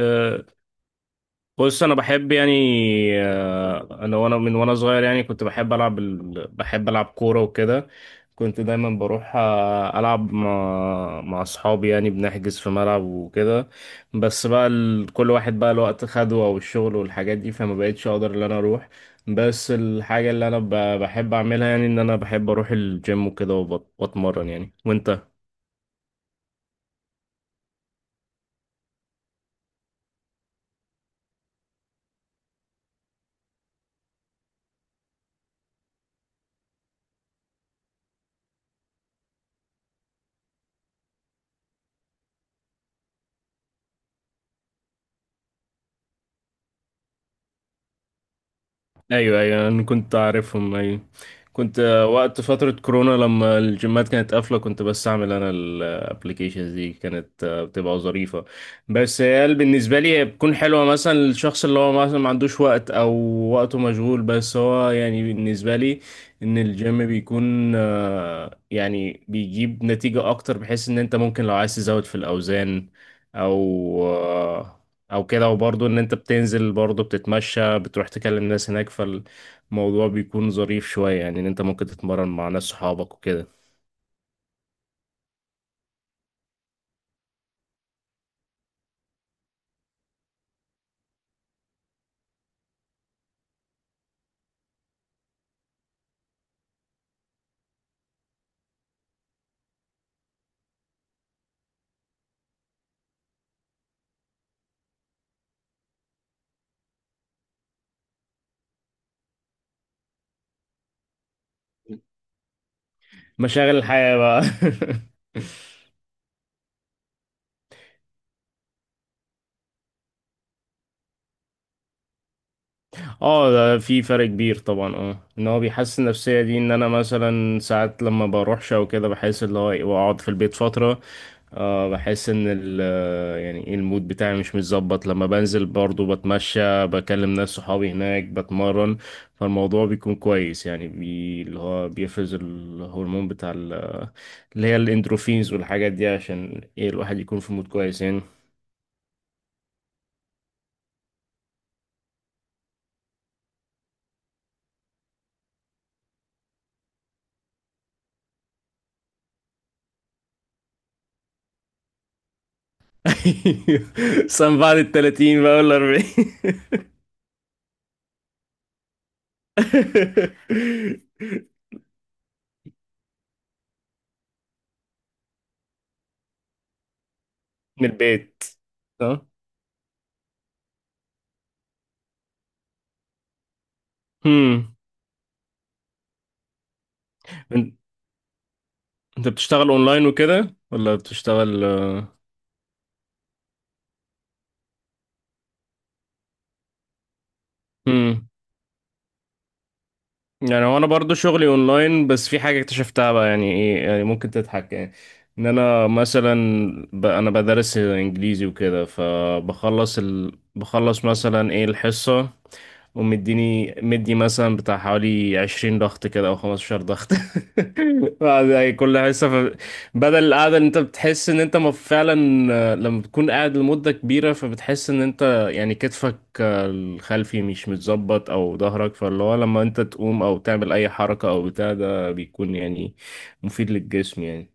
أه، بص انا بحب يعني انا من وانا صغير يعني كنت بحب العب ال... بحب العب كوره وكده. كنت دايما بروح العب مع اصحابي يعني بنحجز في ملعب وكده. بس بقى كل واحد بقى الوقت خده او الشغل والحاجات دي، فما بقتش اقدر ان انا اروح. بس الحاجه اللي انا بحب اعملها يعني ان انا بحب اروح الجيم وكده واتمرن يعني، وانت؟ ايوه ايوه، انا كنت عارفهم، ايوه. كنت وقت فترة كورونا لما الجيمات كانت قافلة كنت بستعمل انا الابليكيشنز دي، كانت بتبقى ظريفة. بس هي بالنسبة لي هي بتكون حلوة مثلا للشخص اللي هو مثلا ما عندوش وقت او وقته مشغول، بس هو يعني بالنسبة لي ان الجيم بيكون يعني بيجيب نتيجة اكتر، بحيث ان انت ممكن لو عايز تزود في الاوزان او آه، او كده. وبرضه ان انت بتنزل برضه بتتمشى بتروح تكلم ناس هناك، فالموضوع بيكون ظريف شوية يعني ان انت ممكن تتمرن مع ناس صحابك وكده. مشاغل الحياة بقى. اه ده في فرق كبير طبعا، اه ان هو بيحسن النفسيه دي، ان انا مثلا ساعات لما بروحش او كده بحس اللي هو إيه، واقعد في البيت فتره. بحس ان ال آه، يعني إيه، المود بتاعي مش متظبط. لما بنزل برضو بتمشى بكلم ناس صحابي هناك بتمرن، فالموضوع بيكون كويس يعني بي اللي هو بيفرز الهرمون بتاع اللي هي الاندروفينز والحاجات دي عشان ايه الواحد يكون في مود كويس يعني. سنة بعد التلاتين بقى ولا 40. من البيت. اه. هم. انت بتشتغل اونلاين وكده ولا بتشتغل هم؟ يعني هو انا برضو شغلي اونلاين، بس في حاجه اكتشفتها بقى يعني ايه، يعني ممكن تضحك يعني. ان انا مثلا انا بدرس انجليزي وكده، فبخلص بخلص مثلا ايه الحصه، ومديني مثلا بتاع حوالي 20 ضغط كده او 15 ضغط. بعد يعني كل حصة ف... بدل القعدة اللي انت بتحس ان انت فعلا لما بتكون قاعد لمدة كبيرة، فبتحس ان انت يعني كتفك الخلفي مش متظبط او ظهرك، فاللي هو لما انت تقوم او تعمل اي حركة او بتاع ده بيكون يعني مفيد للجسم يعني.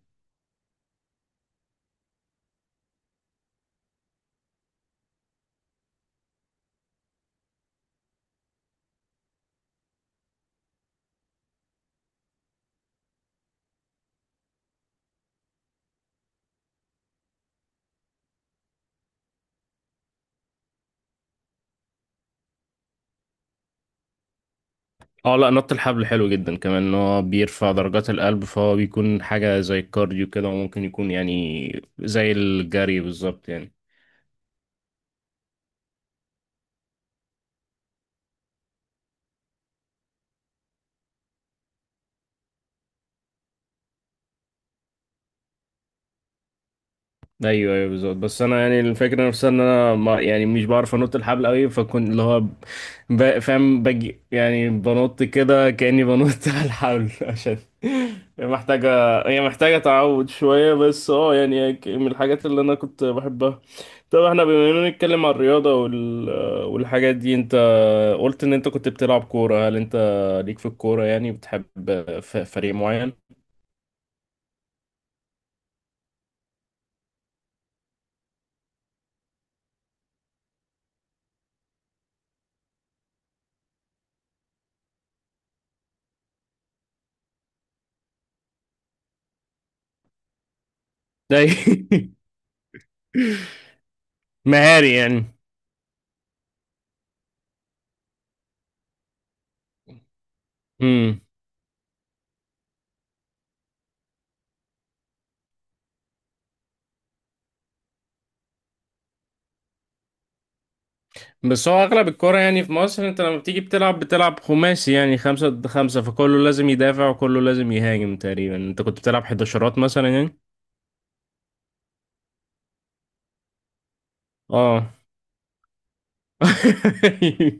اه لا، نط الحبل حلو جدا كمان، ان هو بيرفع درجات القلب، فهو بيكون حاجة زي الكارديو كده وممكن يكون يعني زي الجري بالظبط يعني. ايوه ايوه بالظبط. بس انا يعني الفكره نفسها ان انا ما يعني مش بعرف انط الحبل قوي، فكنت اللي هو فاهم، بجي يعني بنط كده كاني بنط على الحبل، عشان هي محتاجه هي محتاجه تعود شويه. بس اه يعني هي ك- من الحاجات اللي انا كنت بحبها. طب احنا بما اننا نتكلم عن الرياضه والحاجات دي، انت قلت ان انت كنت بتلعب كوره، هل انت ليك في الكوره يعني بتحب فريق معين؟ ده مهاري يعني. بس هو اغلب الكرة يعني في مصر انت لما بتيجي بتلعب، بتلعب خماسي يعني 5 ضد 5، فكله لازم يدافع وكله لازم يهاجم تقريبا. انت كنت بتلعب حداشرات مثلا يعني؟ اه.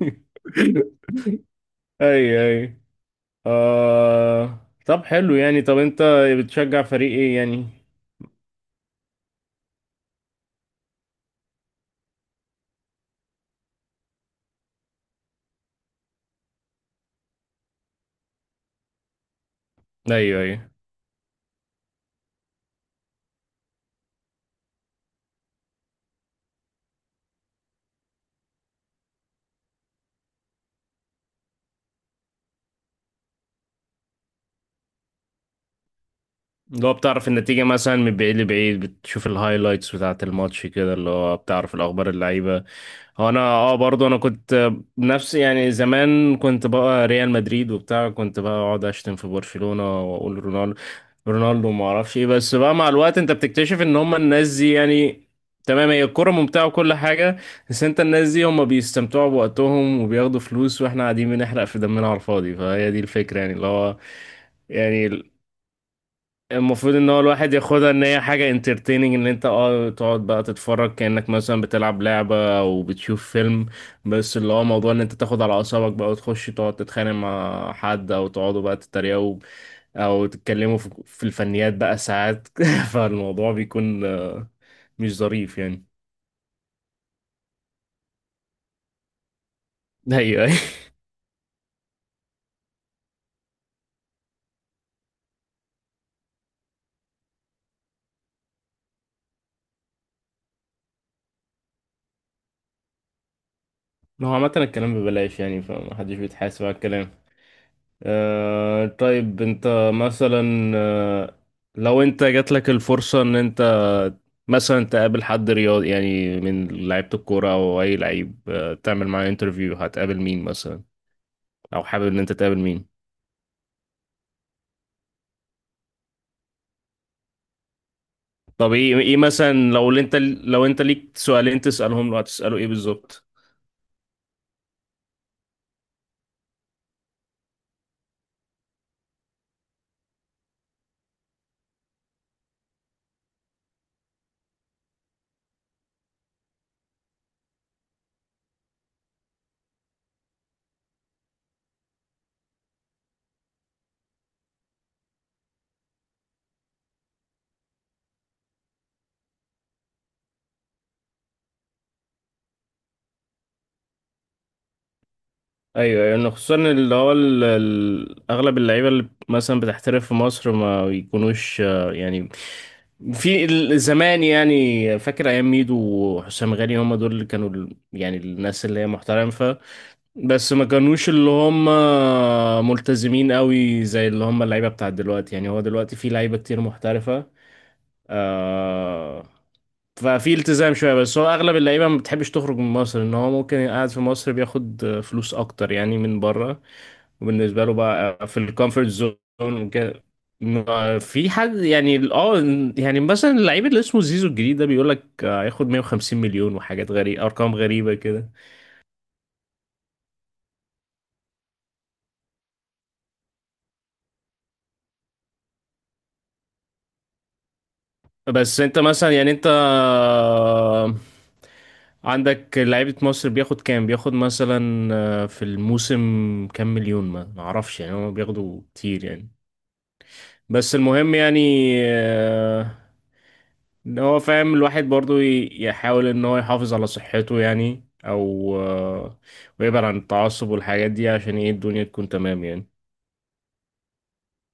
اي اي. آه... طب حلو يعني، طب انت بتشجع فريق ايه يعني؟ ايوه ايوه، اللي هو بتعرف النتيجة مثلا من بعيد لبعيد، بتشوف الهايلايتس بتاعة الماتش كده، اللي هو بتعرف الأخبار اللعيبة. هو أنا اه برضه أنا كنت نفسي يعني زمان كنت بقى ريال مدريد وبتاع، كنت بقى أقعد أشتم في برشلونة وأقول رونالدو رونالدو ما أعرفش إيه. بس بقى مع الوقت أنت بتكتشف إن هما الناس دي يعني، تمام هي الكرة ممتعة وكل حاجة، بس أنت الناس دي هما بيستمتعوا بوقتهم وبياخدوا فلوس وإحنا قاعدين بنحرق في دمنا على الفاضي. فهي دي الفكرة يعني اللي هو يعني المفروض ان هو الواحد ياخدها ان هي حاجة انترتيننج، ان انت اه تقعد بقى تتفرج كأنك مثلا بتلعب لعبة او بتشوف فيلم. بس اللي هو موضوع ان انت تاخد على اعصابك بقى وتخش تقعد تتخانق مع حد، او تقعدوا بقى تتريقوا، او تتكلموا في الفنيات بقى ساعات فالموضوع بيكون مش ظريف يعني. ايوه ايوه، هو عامة الكلام ببلاش يعني، فمحدش بيتحاسب على الكلام. طيب انت مثلا لو انت جات لك الفرصة ان انت مثلا تقابل حد رياضي يعني من لعيبة الكورة او اي لعيب، آه تعمل معاه انترفيو، هتقابل مين مثلا او حابب ان انت تقابل مين؟ طب ايه ايه مثلا، لو انت ليك سؤالين تسألهم له، هتسأله ايه بالظبط؟ ايوه يعني خصوصا اللي هو اغلب اللعيبه اللي مثلا بتحترف في مصر ما بيكونوش يعني في زمان يعني فاكر ايام ميدو وحسام غالي، هم دول اللي كانوا يعني الناس اللي هي محترفه. بس ما كانوش اللي هم ملتزمين قوي زي اللي هم اللعيبه بتاعت دلوقتي يعني. هو دلوقتي في لعيبه كتير محترفه، آه ففي التزام شويه. بس هو اغلب اللعيبه ما بتحبش تخرج من مصر، ان هو ممكن قاعد في مصر بياخد فلوس اكتر يعني من بره، وبالنسبه له بقى في الكومفورت زون وكده. ما في حد يعني يعني مثلا اللعيب اللي اسمه زيزو الجديد ده بيقول لك هياخد 150 مليون، وحاجات غريبه، ارقام غريبه كده. بس انت مثلا يعني انت عندك لعيبه مصر بياخد كام، بياخد مثلا في الموسم كام مليون؟ ما اعرفش يعني، هم بياخدوا كتير يعني. بس المهم يعني آه، ان هو فاهم الواحد برضو يحاول ان هو يحافظ على صحته يعني او آه، ويبعد عن التعصب والحاجات دي عشان ايه الدنيا تكون تمام يعني.